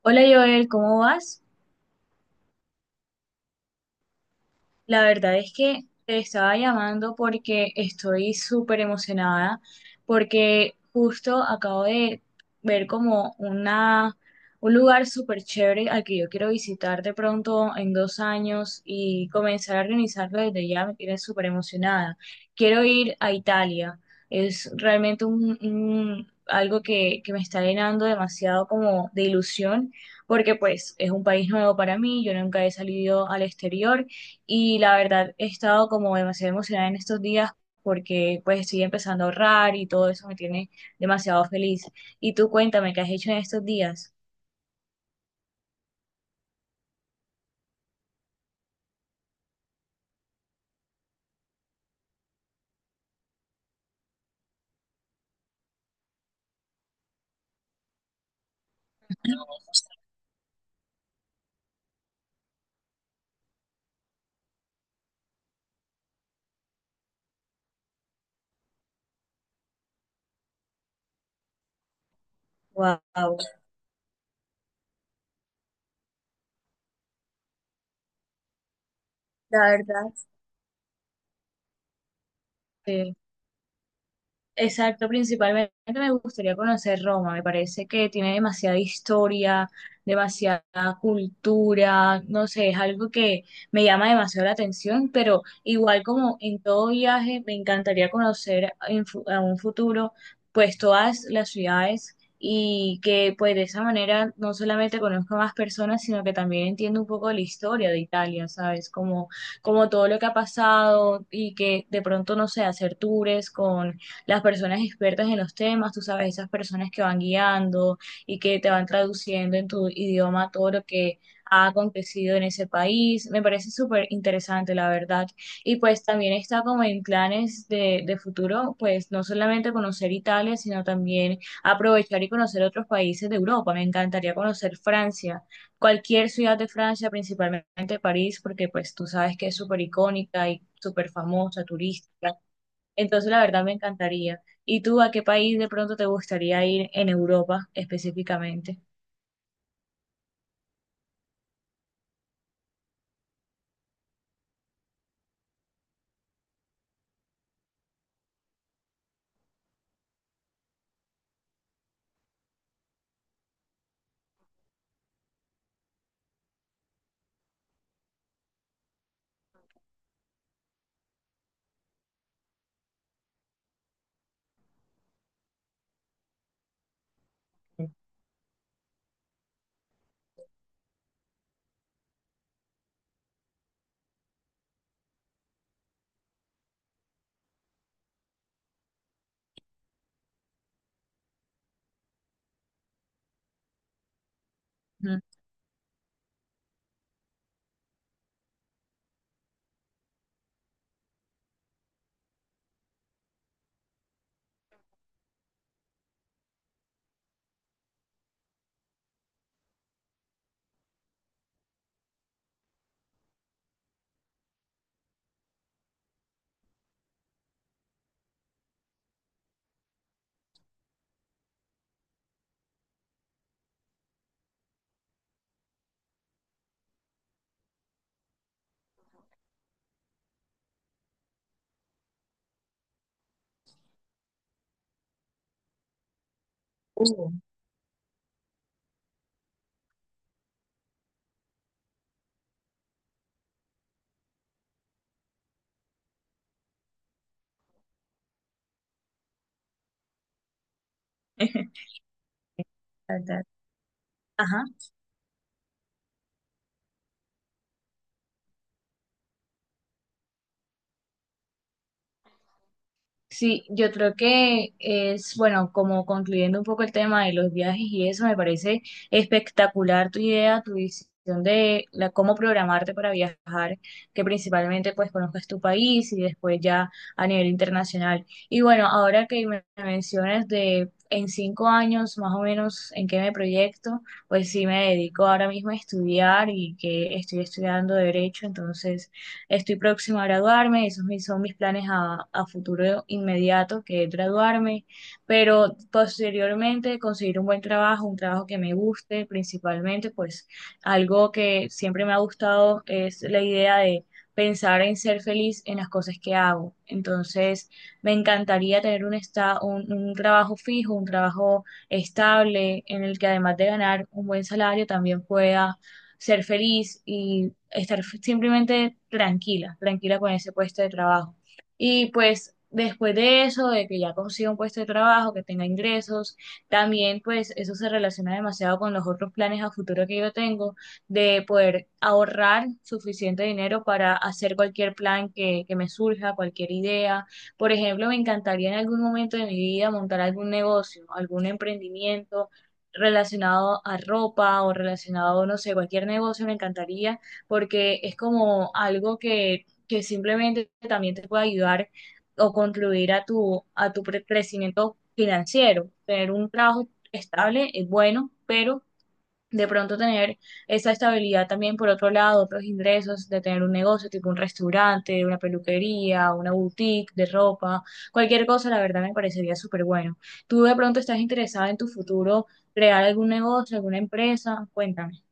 Hola Joel, ¿cómo vas? La verdad es que te estaba llamando porque estoy súper emocionada, porque justo acabo de ver un lugar súper chévere al que yo quiero visitar de pronto en 2 años y comenzar a organizarlo desde ya, me tiene súper emocionada. Quiero ir a Italia, es realmente algo que me está llenando demasiado como de ilusión, porque pues es un país nuevo para mí, yo nunca he salido al exterior. Y la verdad, he estado como demasiado emocionada en estos días porque pues estoy empezando a ahorrar y todo eso me tiene demasiado feliz. Y tú cuéntame, ¿qué has hecho en estos días? Wow, la verdad. Exacto, principalmente me gustaría conocer Roma, me parece que tiene demasiada historia, demasiada cultura, no sé, es algo que me llama demasiado la atención, pero igual como en todo viaje, me encantaría conocer a un futuro pues todas las ciudades y que pues de esa manera no solamente conozco más personas, sino que también entiendo un poco la historia de Italia, ¿sabes? Como todo lo que ha pasado y que de pronto, no sé, hacer tours con las personas expertas en los temas, tú sabes, esas personas que van guiando y que te van traduciendo en tu idioma todo lo que ha acontecido en ese país. Me parece súper interesante, la verdad. Y pues también está como en planes de futuro, pues no solamente conocer Italia, sino también aprovechar y conocer otros países de Europa. Me encantaría conocer Francia, cualquier ciudad de Francia, principalmente París, porque pues tú sabes que es súper icónica y súper famosa, turística. Entonces, la verdad me encantaría. ¿Y tú a qué país de pronto te gustaría ir en Europa específicamente? Ujú. Uh. Tal, tal. Ajá. Sí, yo creo que es, bueno, como concluyendo un poco el tema de los viajes y eso, me parece espectacular tu idea, tu visión de la, cómo programarte para viajar, que principalmente pues conozcas tu país y después ya a nivel internacional. Y bueno, ahora que me mencionas de en 5 años más o menos en qué me proyecto, pues sí me dedico ahora mismo a estudiar y que estoy estudiando derecho, entonces estoy próxima a graduarme, esos son mis planes a futuro inmediato, que es graduarme, pero posteriormente conseguir un buen trabajo, un trabajo que me guste principalmente, pues algo que siempre me ha gustado es la idea de pensar en ser feliz en las cosas que hago. Entonces, me encantaría tener un trabajo fijo, un trabajo estable, en el que además de ganar un buen salario también pueda ser feliz y estar simplemente tranquila, tranquila con ese puesto de trabajo. Y pues después de eso, de que ya consiga un puesto de trabajo, que tenga ingresos, también pues eso se relaciona demasiado con los otros planes a futuro que yo tengo, de poder ahorrar suficiente dinero para hacer cualquier plan que me surja, cualquier idea. Por ejemplo, me encantaría en algún momento de mi vida montar algún negocio, algún emprendimiento relacionado a ropa o relacionado, no sé, cualquier negocio, me encantaría, porque es como algo que simplemente también te puede ayudar o contribuir a tu, a tu crecimiento financiero. Tener un trabajo estable es bueno, pero de pronto tener esa estabilidad también por otro lado, otros ingresos, de tener un negocio tipo un restaurante, una peluquería, una boutique de ropa, cualquier cosa, la verdad me parecería súper bueno. ¿Tú de pronto estás interesada en tu futuro crear algún negocio, alguna empresa? Cuéntame.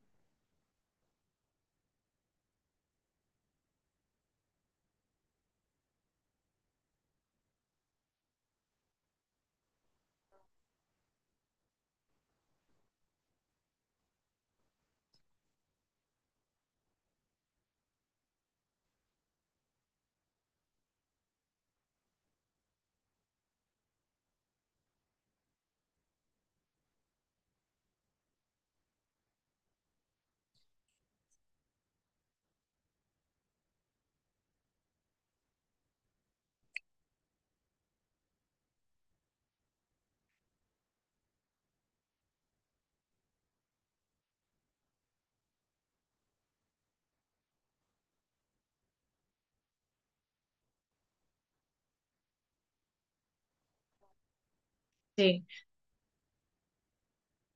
Sí.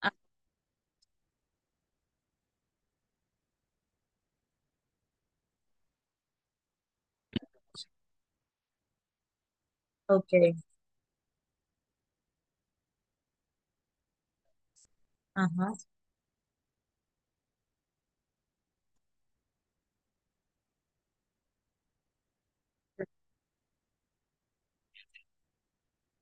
Ah, ok. Ajá.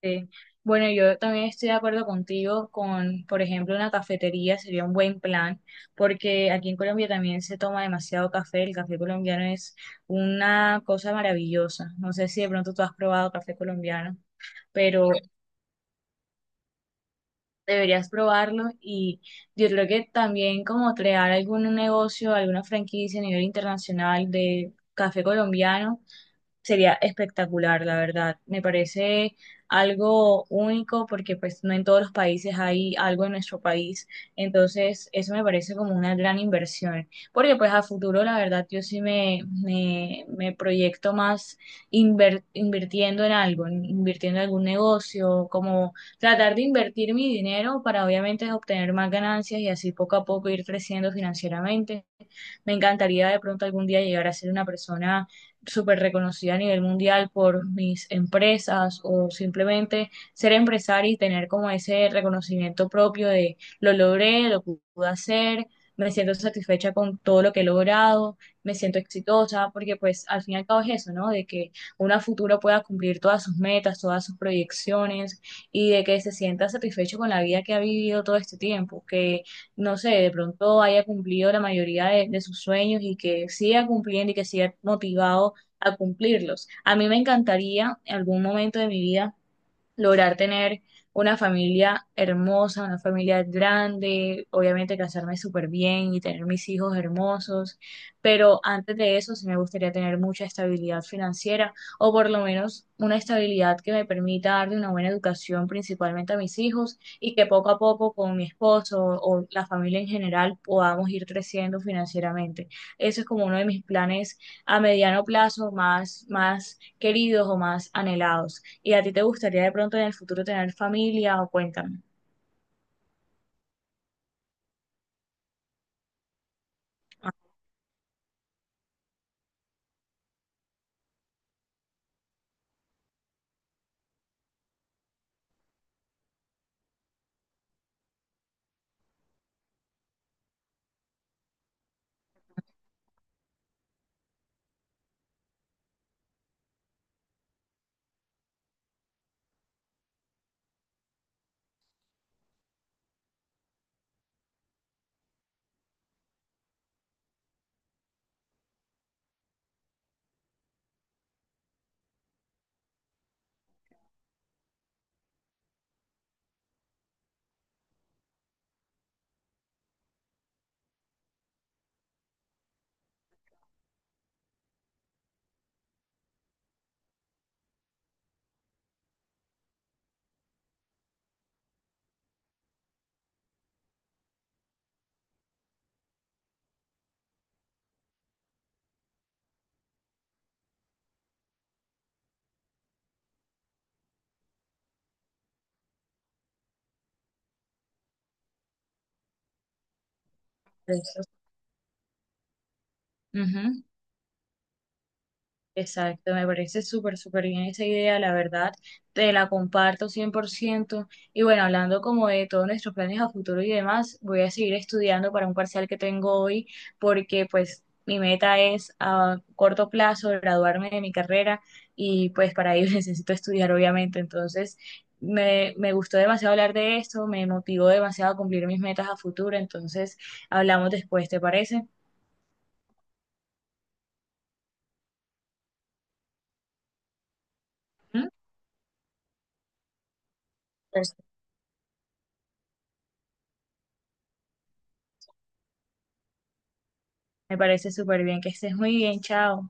Sí. Bueno, yo también estoy de acuerdo contigo con, por ejemplo, una cafetería sería un buen plan, porque aquí en Colombia también se toma demasiado café. El café colombiano es una cosa maravillosa. No sé si de pronto tú has probado café colombiano, pero deberías probarlo y yo creo que también como crear algún negocio, alguna franquicia a nivel internacional de café colombiano sería espectacular, la verdad. Me parece algo único porque pues no en todos los países hay algo en nuestro país. Entonces, eso me parece como una gran inversión. Porque pues a futuro, la verdad, yo sí me proyecto más invirtiendo en algo, invirtiendo en algún negocio, como tratar de invertir mi dinero para obviamente obtener más ganancias y así poco a poco ir creciendo financieramente. Me encantaría de pronto algún día llegar a ser una persona súper reconocida a nivel mundial por mis empresas o simplemente ser empresaria y tener como ese reconocimiento propio de lo logré, lo pude hacer, me siento satisfecha con todo lo que he logrado, me siento exitosa, porque pues al fin y al cabo es eso, ¿no? De que una futura pueda cumplir todas sus metas, todas sus proyecciones y de que se sienta satisfecho con la vida que ha vivido todo este tiempo, que no sé, de pronto haya cumplido la mayoría de sus sueños y que siga cumpliendo y que siga motivado a cumplirlos. A mí me encantaría en algún momento de mi vida lograr tener una familia hermosa, una familia grande, obviamente casarme súper bien y tener mis hijos hermosos, pero antes de eso sí me gustaría tener mucha estabilidad financiera o por lo menos una estabilidad que me permita darle una buena educación principalmente a mis hijos y que poco a poco con mi esposo o la familia en general podamos ir creciendo financieramente. Eso es como uno de mis planes a mediano plazo más queridos o más anhelados. ¿Y a ti te gustaría de pronto en el futuro tener familia o cuéntame? Ah, de eso. Ujú. Exacto, me parece súper, súper bien esa idea, la verdad, te la comparto 100%. Y bueno, hablando como de todos nuestros planes a futuro y demás, voy a seguir estudiando para un parcial que tengo hoy, porque pues mi meta es a corto plazo graduarme de mi carrera y pues para ello necesito estudiar, obviamente. Entonces, me gustó demasiado hablar de esto, me motivó demasiado a cumplir mis metas a futuro, entonces hablamos después, ¿te parece? ¿Mm? Pues, me parece súper bien, que estés muy bien, chao.